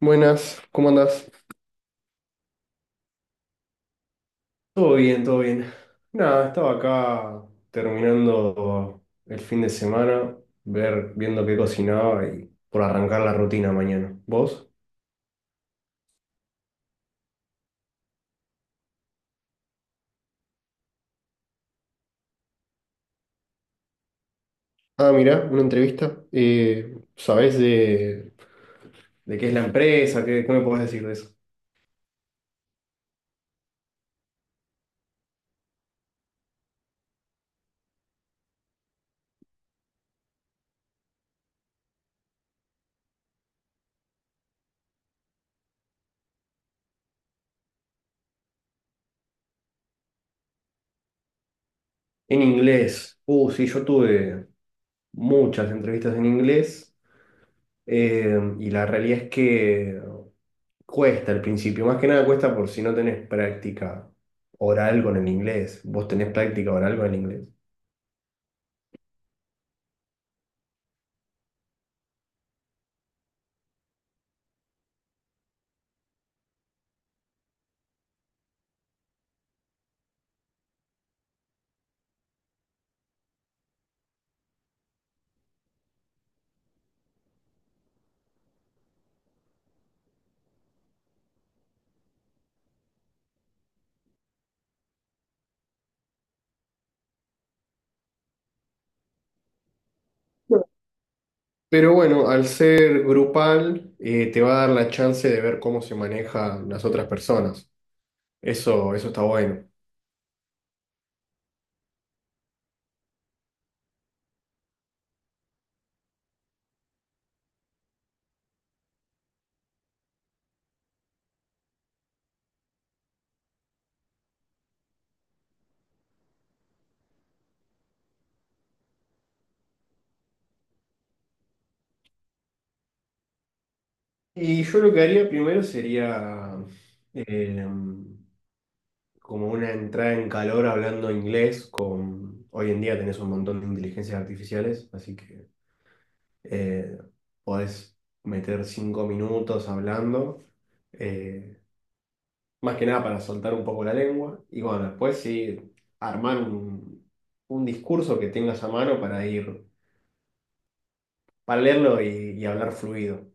Buenas, ¿cómo andás? Todo bien, todo bien. Nada, estaba acá terminando el fin de semana, viendo qué cocinaba y por arrancar la rutina mañana. ¿Vos? Ah, mirá, una entrevista. ¿Sabés de...? ¿De qué es la empresa? ¿Qué me podés decir de eso? En inglés. Sí, yo tuve muchas entrevistas en inglés, y la realidad es que cuesta al principio, más que nada cuesta por si no tenés práctica oral con el inglés. ¿Vos tenés práctica oral con el inglés? No. Pero bueno, al ser grupal, te va a dar la chance de ver cómo se manejan las otras personas. Eso está bueno. Y yo lo que haría primero sería eh, como una entrada en calor hablando inglés con... Hoy en día tenés un montón de inteligencias artificiales, así que Eh, podés meter 5 minutos hablando, eh, más que nada para soltar un poco la lengua. Y bueno, después sí, armar un discurso que tengas a mano para ir, para leerlo y hablar fluido.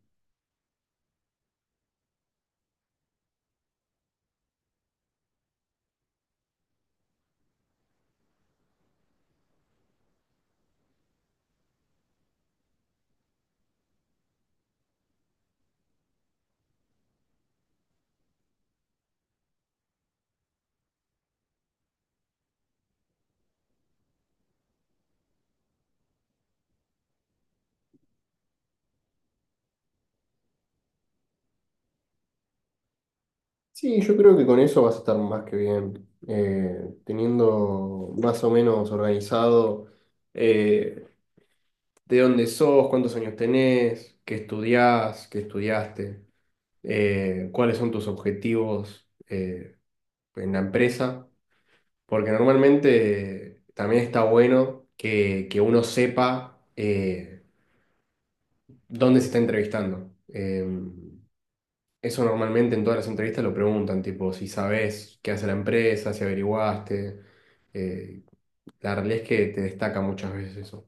Sí, yo creo que con eso vas a estar más que bien, teniendo más o menos organizado eh, de dónde sos, cuántos años tenés, qué estudiás, qué estudiaste, cuáles son tus objetivos en la empresa, porque normalmente también está bueno que uno sepa dónde se está entrevistando. Eso normalmente en todas las entrevistas lo preguntan, tipo, si sabes qué hace la empresa, si averiguaste. Eh, la realidad es que te destaca muchas veces eso.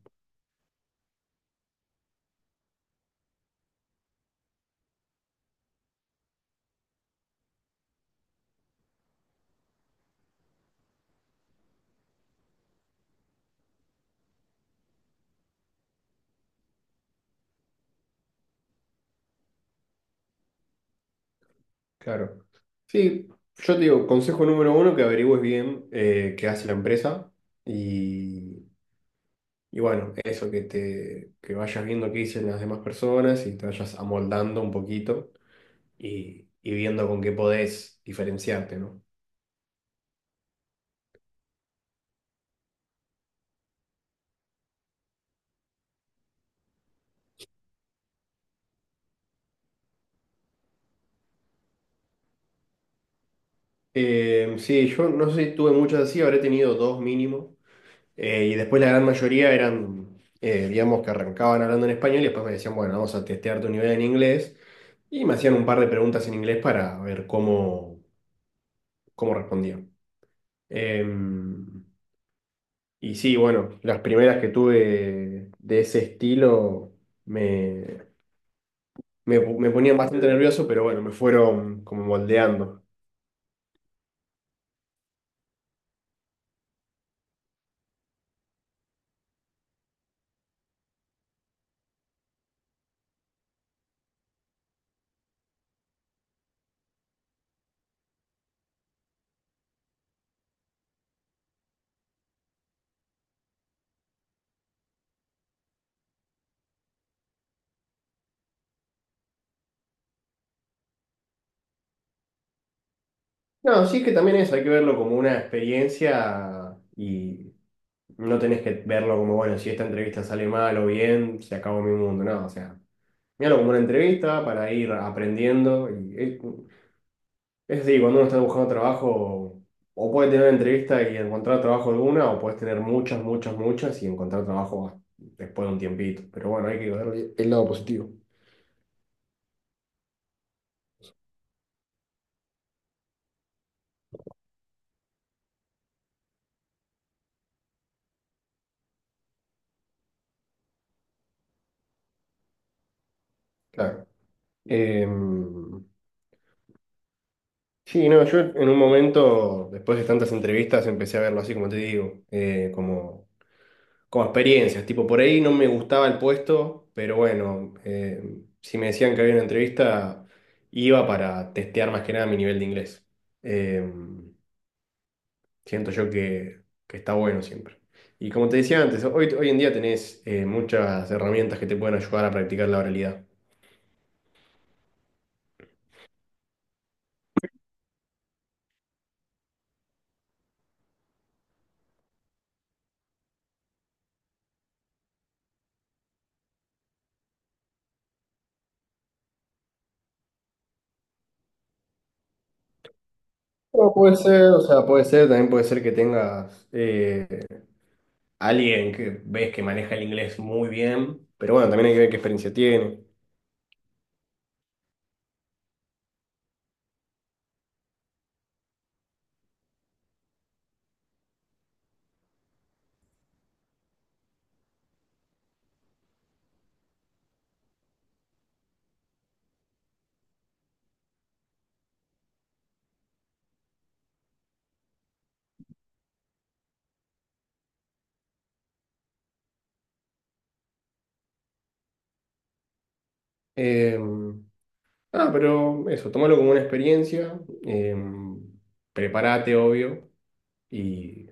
Claro. Sí, yo te digo, consejo número uno, que averigües bien, qué hace la empresa. y Y bueno, eso, que te que vayas viendo qué dicen las demás personas y te vayas amoldando un poquito y viendo con qué podés diferenciarte, ¿no? Sí, yo no sé si tuve muchas así, habré tenido dos mínimo. Y después la gran mayoría eran, digamos, que arrancaban hablando en español y después me decían, bueno, vamos a testear tu nivel en inglés. Y me hacían un par de preguntas en inglés para ver cómo, cómo respondía. Em, Y sí, bueno, las primeras que tuve de ese estilo me, me ponían bastante nervioso, pero bueno, me fueron como moldeando. No, sí es que también eso, hay que verlo como una experiencia y no tenés que verlo como, bueno, si esta entrevista sale mal o bien, se acabó mi mundo, no, o sea, míralo como una entrevista para ir aprendiendo es decir, cuando uno está buscando trabajo, o puede tener una entrevista y encontrar trabajo alguna, o puedes tener muchas, muchas, muchas y encontrar trabajo después de un tiempito. Pero bueno, hay que ver el lado positivo. Claro. Em, sí, no, yo en un momento, después de tantas entrevistas, empecé a verlo así como te digo, como experiencias. Tipo, por ahí no me gustaba el puesto, pero bueno, si me decían que había una entrevista, iba para testear más que nada mi nivel de inglés. Em, Siento yo que está bueno siempre. Y como te decía antes, hoy en día tenés, muchas herramientas que te pueden ayudar a practicar la oralidad. Pero puede ser, o sea, puede ser, también puede ser que tengas, alguien que ves que maneja el inglés muy bien, pero bueno, también hay que ver qué experiencia tiene. Eh, pero eso, tomalo como una experiencia, eh, prepárate, obvio, y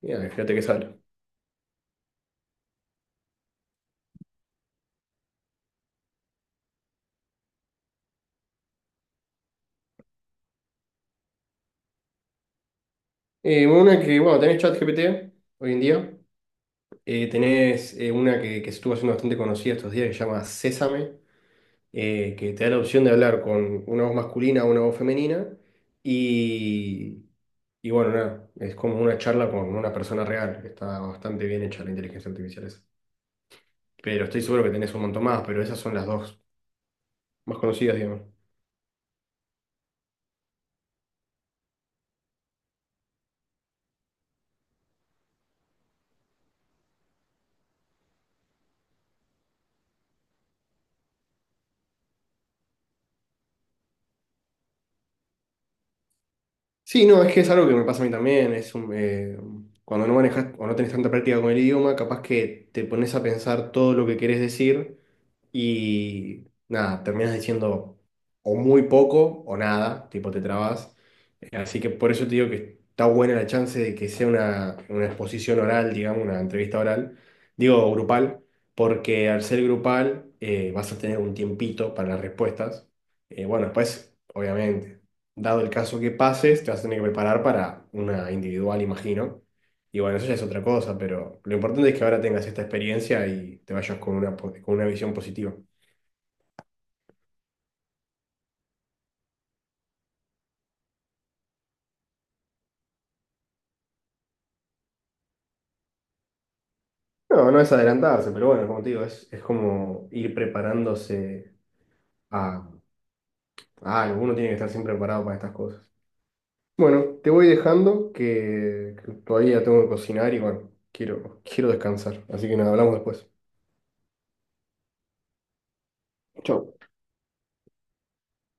mira, fíjate qué sale. Una que, bueno, tenés ChatGPT hoy en día. Tenés, una que estuvo haciendo bastante conocida estos días que se llama Sésame, que te da la opción de hablar con una voz masculina o una voz femenina. Y, y bueno, nada, es como una charla con una persona real. Está bastante bien hecha la inteligencia artificial esa. Pero estoy seguro que tenés un montón más, pero esas son las dos más conocidas, digamos. Sí, no, es que es algo que me pasa a mí también. Cuando no manejas o no tenés tanta práctica con el idioma, capaz que te pones a pensar todo lo que querés decir y nada, terminas diciendo o muy poco o nada, tipo te trabas. Así que por eso te digo que está buena la chance de que sea una exposición oral, digamos, una entrevista oral, digo grupal, porque al ser grupal, vas a tener un tiempito para las respuestas. Bueno, después, obviamente, dado el caso que pases, te vas a tener que preparar para una individual, imagino. Y bueno, eso ya es otra cosa, pero lo importante es que ahora tengas esta experiencia y te vayas con con una visión positiva. No, no es adelantarse, pero bueno, como te digo, es como ir preparándose a, a algo. Uno tiene que estar siempre preparado para estas cosas. Bueno, te voy dejando que todavía tengo que cocinar y bueno, quiero descansar. Así que nada, hablamos después. Chau.